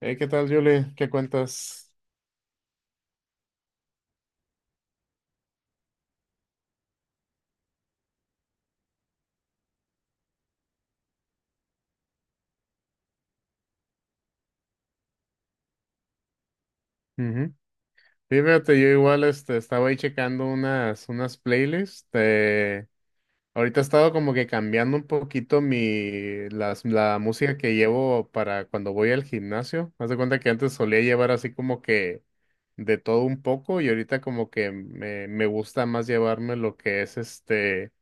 Hey, ¿qué tal, Julie? ¿Qué cuentas? Ujú. Sí, fíjate, yo igual estaba ahí checando unas playlists. Ahorita he estado como que cambiando un poquito la música que llevo para cuando voy al gimnasio. Haz de cuenta que antes solía llevar así como que de todo un poco y ahorita como que me gusta más llevarme lo que es este.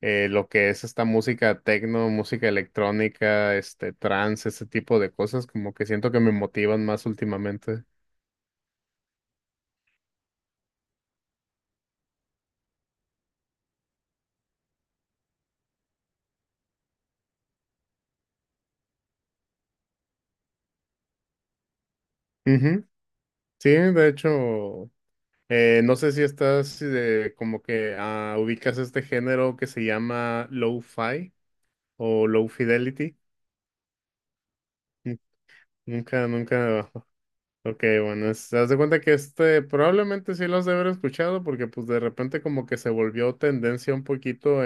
eh, lo que es esta música techno, música electrónica, este trance, ese tipo de cosas, como que siento que me motivan más últimamente. Ujú. Sí, de hecho, no sé si estás como que ubicas este género que se llama lo-fi o low fidelity. Nun- Nunca, nunca. Ok, bueno, haz de cuenta que este probablemente sí los has de haber escuchado porque pues de repente como que se volvió tendencia un poquito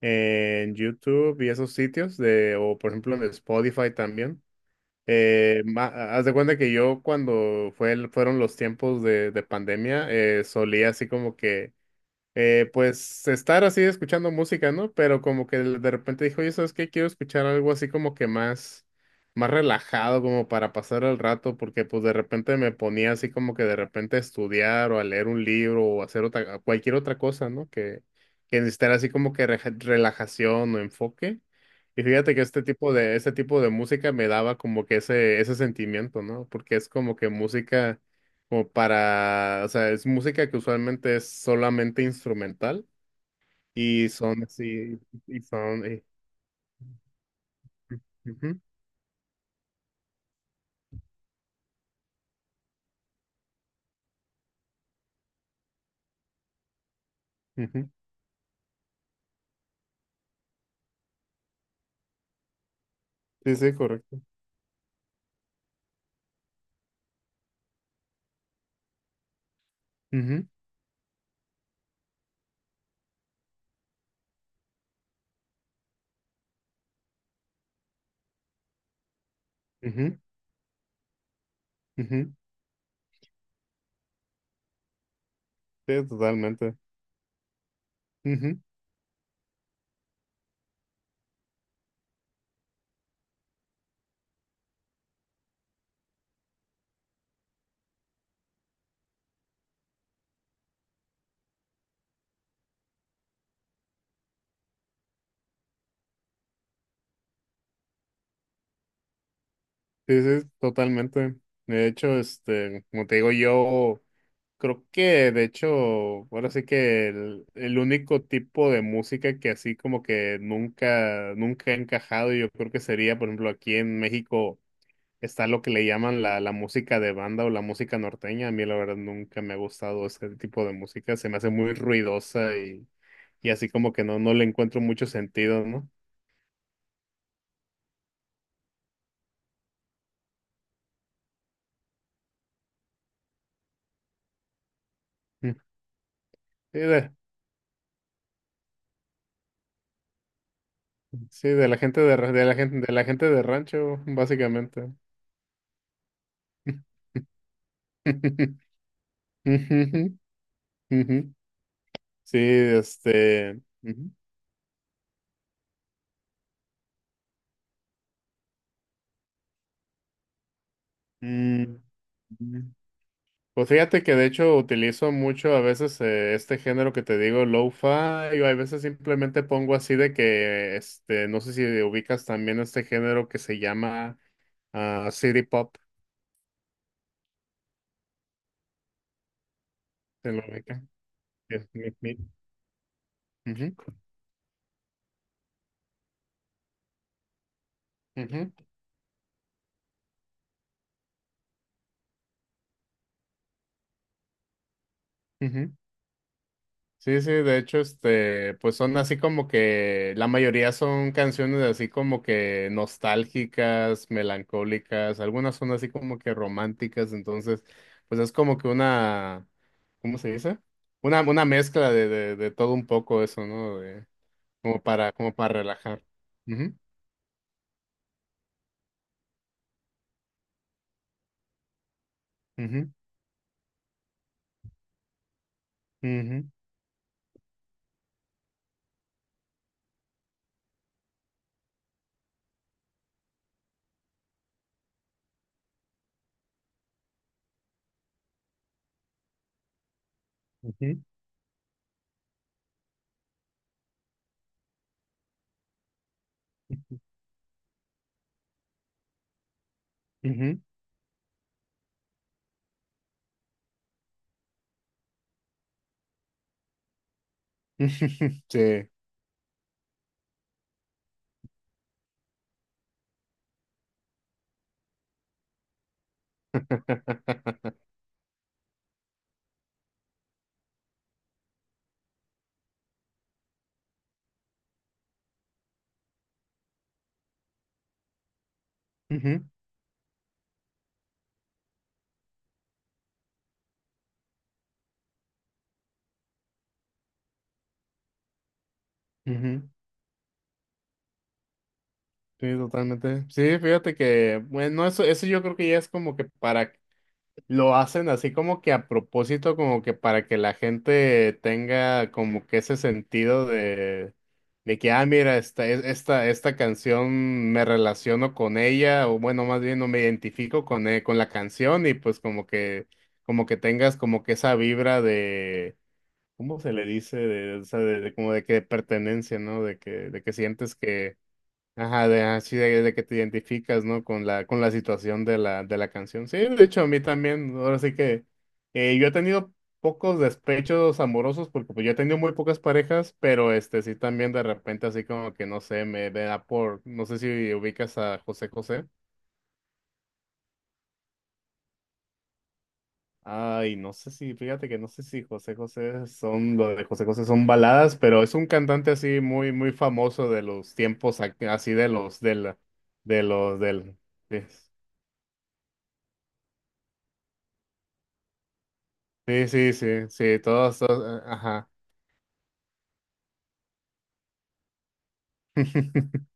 en YouTube y esos sitios de, o por ejemplo en Spotify también. Eh, ma- Haz de cuenta que yo cuando fueron los tiempos de pandemia, solía así como que pues estar así escuchando música, ¿no? Pero como que de repente dijo, oye, ¿sabes qué? Quiero escuchar algo así como que más, más relajado, como para pasar el rato, porque pues de repente me ponía así como que de repente a estudiar o a leer un libro o a hacer otra, cualquier otra cosa, ¿no? Que necesitara así como que relajación o enfoque. Y fíjate que este tipo de música me daba como que ese sentimiento, ¿no? Porque es como que música como para, o sea, es música que usualmente es solamente instrumental y son así, y son, ujú, ujú. Sí, sí, correcto. Ujú, ujú, ujú. Sí, totalmente. Ujú. Sí, sí, totalmente. De hecho, este, como te digo, yo creo que, de hecho, ahora sí que el único tipo de música que así como que nunca, nunca he encajado, yo creo que sería, por ejemplo, aquí en México está lo que le llaman la música de banda o la música norteña. A mí la verdad nunca me ha gustado ese tipo de música. Se me hace muy ruidosa y así como que no, no le encuentro mucho sentido, ¿no? Mm. Sí, sí, de la gente de la gente de rancho, básicamente. Ujú, ujú. Sí, este. Ujú. Mm, mm. Pues fíjate que de hecho utilizo mucho a veces este género que te digo, lo-fi, o a veces simplemente pongo así de que, este, no sé si ubicas también este género que se llama City Pop, ¿te lo ubicas? Es mi- mi- Ujú, ujú, ujú. Sí, sí, de hecho, este, pues son así como que la mayoría son canciones así como que nostálgicas, melancólicas, algunas son así como que románticas, entonces, pues es como que una, ¿cómo se dice? Una mezcla de todo un poco eso, ¿no? De, como para, como para relajar. Ujú, ujú, ujú, ujú, ujú. Sí. Ujú, ujú. Sí, totalmente. Sí, fíjate que, bueno, eso yo creo que ya es como que para, lo hacen así como que a propósito, como que para que la gente tenga como que ese sentido de que, ah, mira, esta canción me relaciono con ella, o bueno, más bien no me identifico con la canción y pues como que tengas como que esa vibra de, ¿cómo se le dice? De, o sea, de como de que pertenencia, ¿no? De que sientes ajá, de, así de que te identificas, ¿no? Con la situación de la canción. Sí, de hecho, a mí también, ahora sí que yo he tenido pocos despechos amorosos porque pues yo he tenido muy pocas parejas, pero este sí también de repente así como que no sé, me da por, no sé si ubicas a José José. Ay, no sé si, fíjate que no sé si José José son, lo de José José son baladas, pero es un cantante así muy, muy famoso de los tiempos, así de los, del... sí. Sí, sí, sí, sí, todos, todos, ajá.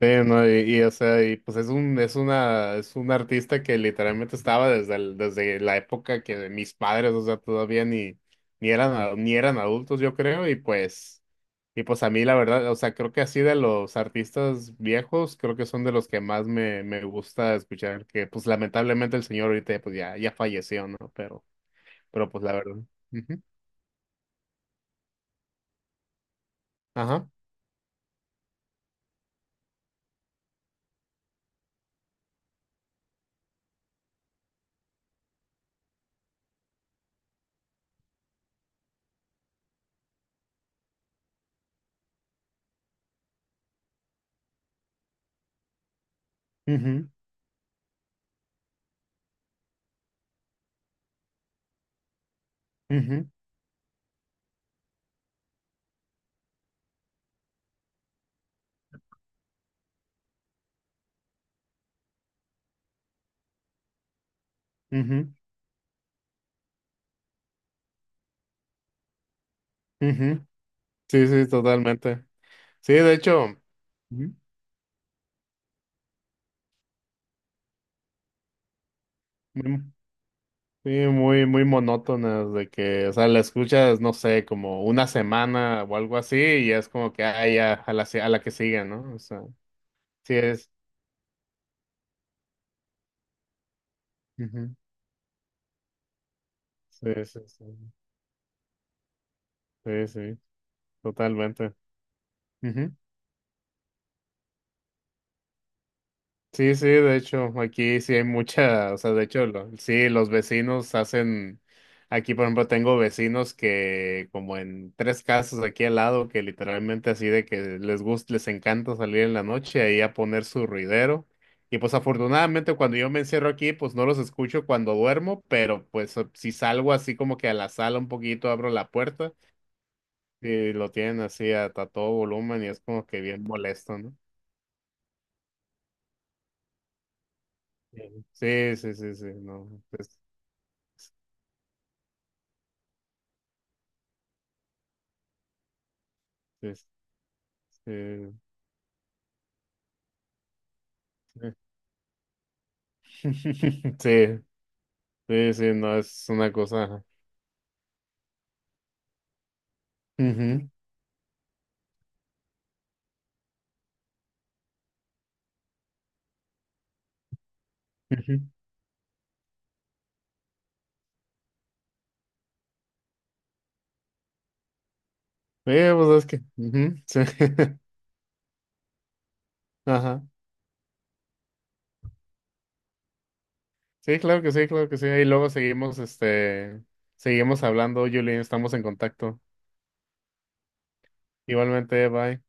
Sí, no, y, o sea, y pues es un, es una, es un artista que literalmente estaba desde la época que mis padres, o sea, todavía ni, ni eran, ni eran adultos, yo creo, y pues a mí la verdad, o sea, creo que así de los artistas viejos, creo que son de los que más me gusta escuchar, que pues lamentablemente el señor ahorita pues ya, ya falleció, ¿no? Pero pues la verdad. Ujú. Ajá. Ujú, ujú. Ujú, ujú. Sí, sí, totalmente. Sí, de hecho, ujú, muy- sí, muy, muy monótonas de que, o sea, la escuchas, no sé, como una semana o algo así, y es como que, ah, ya, a la que sigue, ¿no? O sea, sí es. Ujú. Sí, sí, sí, sí, sí, totalmente. Sí, sí, de hecho, aquí sí hay mucha, o sea, de hecho, sí, los vecinos hacen, aquí por ejemplo tengo vecinos que como en tres casas aquí al lado, que literalmente así de que les gusta, les encanta salir en la noche ahí a poner su ruidero. Y pues afortunadamente cuando yo me encierro aquí, pues no los escucho cuando duermo, pero pues si salgo así como que a la sala un poquito, abro la puerta y lo tienen así a todo volumen y es como que bien molesto, ¿no? Sí, sí, sí, sí, sí, no. Pues, sí, Eh, Sí, sí, sí, no, es una cosa. Ujú, ujú. Pues es que. Ujú, sí. Ajá. Sí, claro que sí, claro que sí. Y luego seguimos, este, seguimos hablando, Julian, estamos en contacto. Igualmente, bye.